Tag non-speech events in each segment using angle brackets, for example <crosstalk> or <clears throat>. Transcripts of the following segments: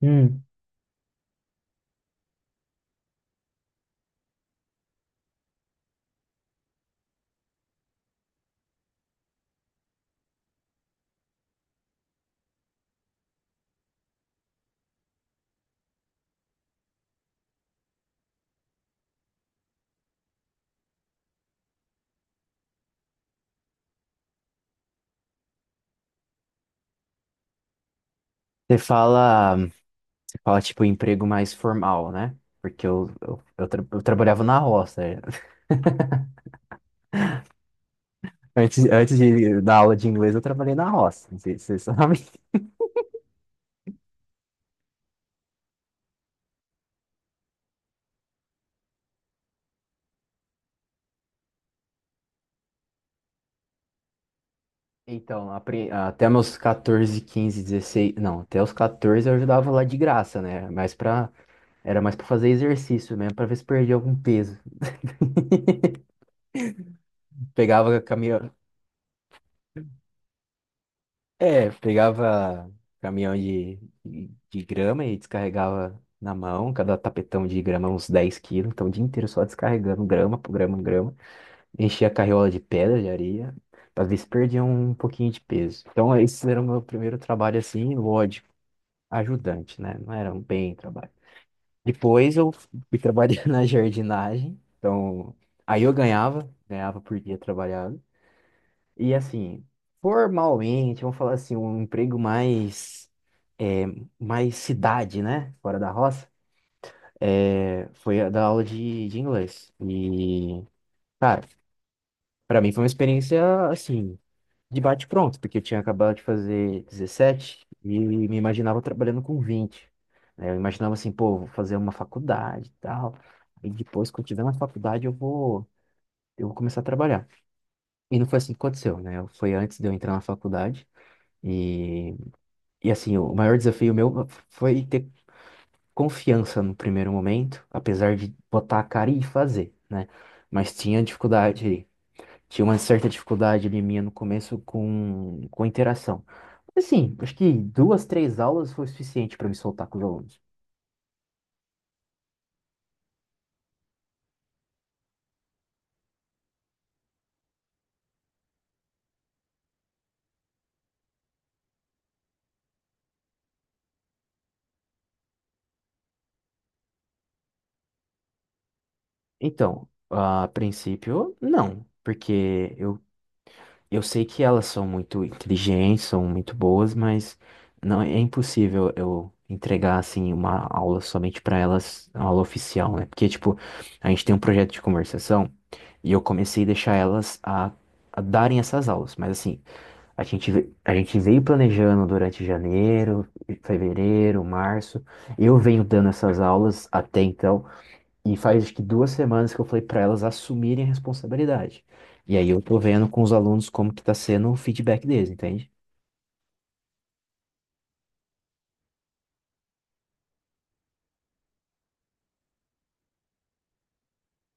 Hum. Você fala tipo emprego mais formal, né? Porque eu trabalhava na roça. É. <laughs> Antes de da aula de inglês, eu trabalhei na roça. Você sabe? <laughs> Então, até meus 14, 15 16 não, até os 14 eu ajudava lá de graça, né? Mas para era mais para fazer exercício mesmo, para ver se perdia algum peso. <laughs> Pegava a caminha, É, pegava caminhão de grama e descarregava na mão, cada tapetão de grama uns 10 quilos, então o dia inteiro só descarregando grama por grama. Enchia a carriola de pedra, de areia, pra ver se perdia um pouquinho de peso. Então esse era o meu primeiro trabalho assim, lógico, ajudante, né? Não era um bem trabalho. Depois eu fui trabalhar <laughs> na jardinagem, então aí eu ganhava por dia trabalhado. E assim, formalmente, vamos falar assim, um emprego mais, é, mais cidade, né? Fora da roça, foi a da aula de inglês. E, cara, pra mim foi uma experiência, assim, de bate-pronto, porque eu tinha acabado de fazer 17 e me imaginava trabalhando com 20, né? Eu imaginava assim, pô, vou fazer uma faculdade e tal. E depois, quando tiver na faculdade, eu vou começar a trabalhar. E não foi assim que aconteceu, né? Foi antes de eu entrar na faculdade. E E assim, o maior desafio meu foi ter confiança no primeiro momento, apesar de botar a cara e fazer, né? Mas tinha dificuldade, tinha uma certa dificuldade ali minha no começo com interação. Assim, acho que duas, três aulas foi o suficiente para me soltar com os alunos. Então, a princípio, não, porque eu sei que elas são muito inteligentes, são muito boas, mas não é impossível eu entregar assim uma aula somente para elas, uma aula oficial, né? Porque tipo, a gente tem um projeto de conversação e eu comecei a deixar elas a darem essas aulas, mas assim, a gente veio planejando durante janeiro, fevereiro, março. Eu venho dando essas aulas até então e faz acho que 2 semanas que eu falei para elas assumirem a responsabilidade. E aí eu tô vendo com os alunos como que tá sendo o feedback deles, entende?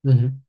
Uhum.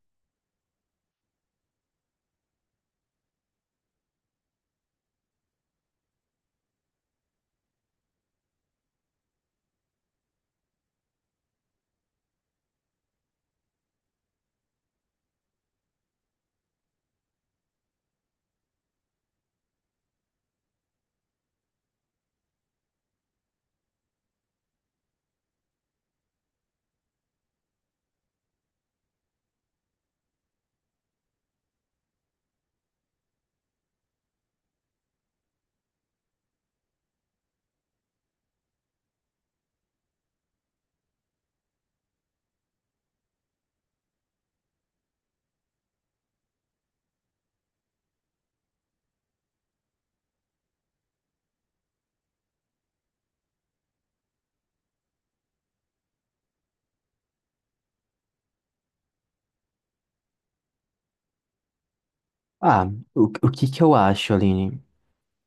Ah, o que que eu acho, Aline,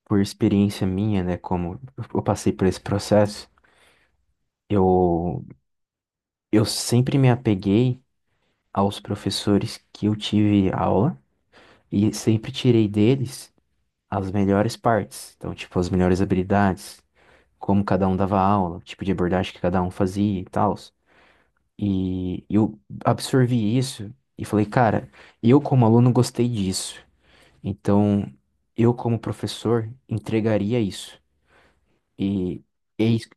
por experiência minha, né, como eu passei por esse processo, eu, eu sempre me apeguei aos professores que eu tive aula e sempre tirei deles as melhores partes, então, tipo, as melhores habilidades, como cada um dava aula, o tipo de abordagem que cada um fazia e tal. E eu absorvi isso e falei, cara, eu como aluno gostei disso. Então, eu como professor entregaria isso. E, é isso.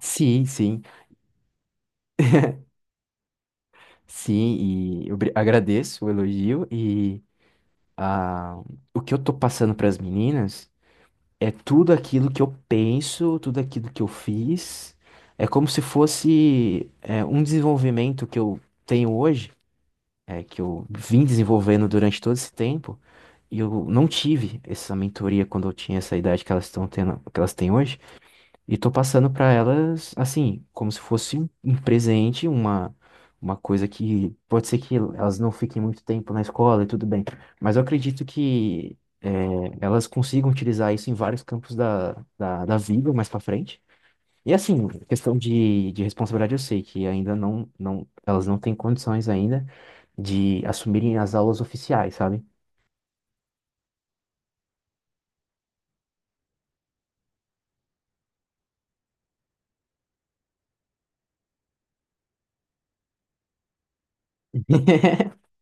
Sim, sim, sim. E eu agradeço o elogio e a, o que eu tô passando para as meninas é tudo aquilo que eu penso, tudo aquilo que eu fiz. É como se fosse um desenvolvimento que eu tenho hoje, que eu vim desenvolvendo durante todo esse tempo, e eu não tive essa mentoria quando eu tinha essa idade que elas estão tendo, que elas têm hoje, e tô passando para elas, assim, como se fosse um presente, uma coisa que pode ser que elas não fiquem muito tempo na escola e tudo bem, mas eu acredito que elas consigam utilizar isso em vários campos da, da vida mais para frente. E assim, questão de responsabilidade, eu sei que ainda não, elas não têm condições ainda de assumirem as aulas oficiais, sabe? <laughs>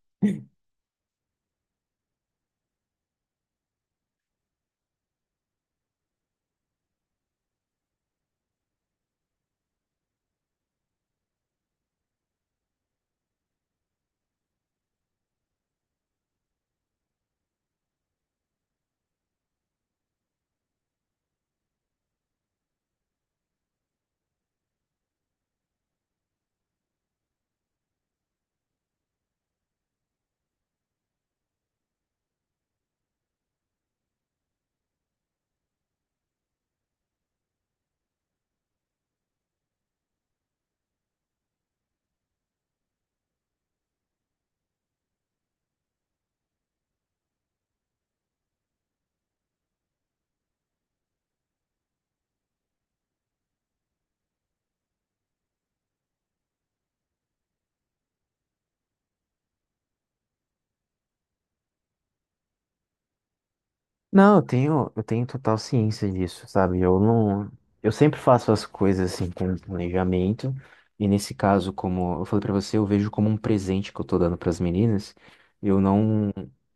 Não, eu tenho total ciência disso, sabe? Eu não, eu sempre faço as coisas assim com planejamento, e nesse caso, como eu falei pra você, eu vejo como um presente que eu tô dando pras meninas. Eu não,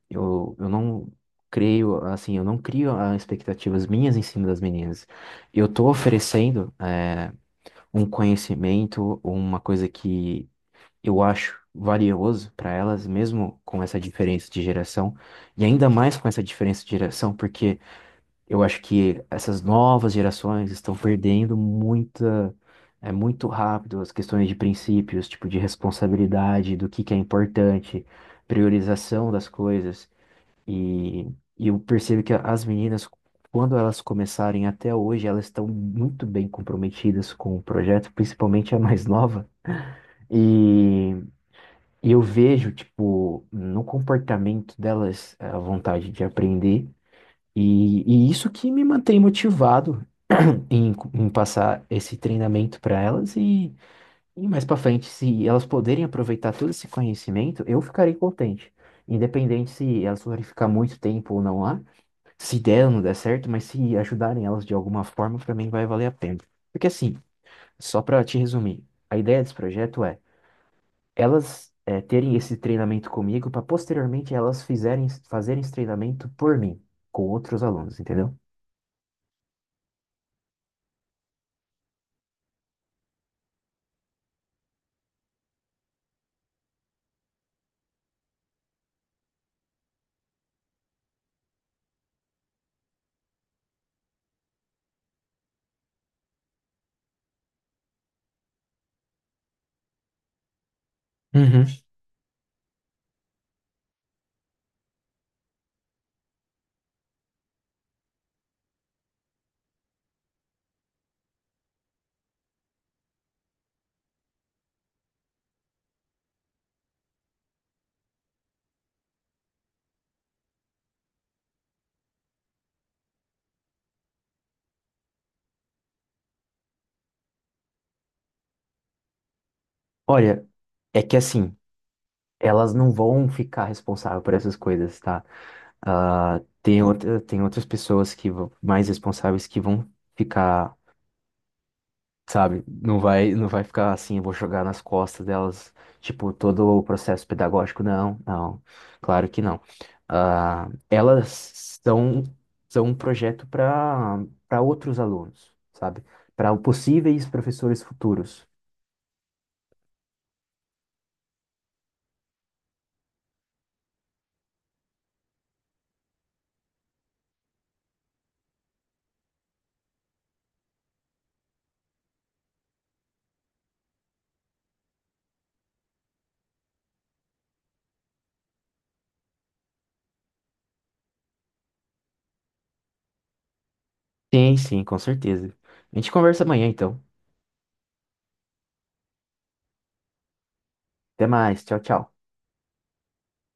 eu não creio, assim, eu não crio expectativas minhas em cima das meninas. Eu tô oferecendo um conhecimento ou uma coisa que eu acho valioso para elas, mesmo com essa diferença de geração, e ainda mais com essa diferença de geração, porque eu acho que essas novas gerações estão perdendo muita, é muito rápido as questões de princípios, tipo de responsabilidade, do que é importante, priorização das coisas. E, e eu percebo que as meninas, quando elas começarem até hoje, elas estão muito bem comprometidas com o projeto, principalmente a mais nova. E, e eu vejo, tipo, no comportamento delas, a vontade de aprender. E isso que me mantém motivado <clears throat> em passar esse treinamento para elas. E mais para frente, se elas poderem aproveitar todo esse conhecimento, eu ficarei contente. Independente se elas forem ficar muito tempo ou não lá. Se der ou não der certo, mas se ajudarem elas de alguma forma, pra mim vai valer a pena. Porque assim, só pra te resumir, a ideia desse projeto é elas terem esse treinamento comigo pra posteriormente elas fizerem, fazerem esse treinamento por mim, com outros alunos, entendeu? Uhum. Olha, é que assim, elas não vão ficar responsáveis por essas coisas, tá? Ah, tem outras pessoas que mais responsáveis que vão ficar, sabe? Não vai, não vai ficar assim, eu vou jogar nas costas delas, tipo, todo o processo pedagógico. Não, não, claro que não. Ah, elas são, são um projeto para outros alunos, sabe? Para possíveis professores futuros. Sim, sim, com certeza. A gente conversa amanhã, então. Até mais, tchau, tchau.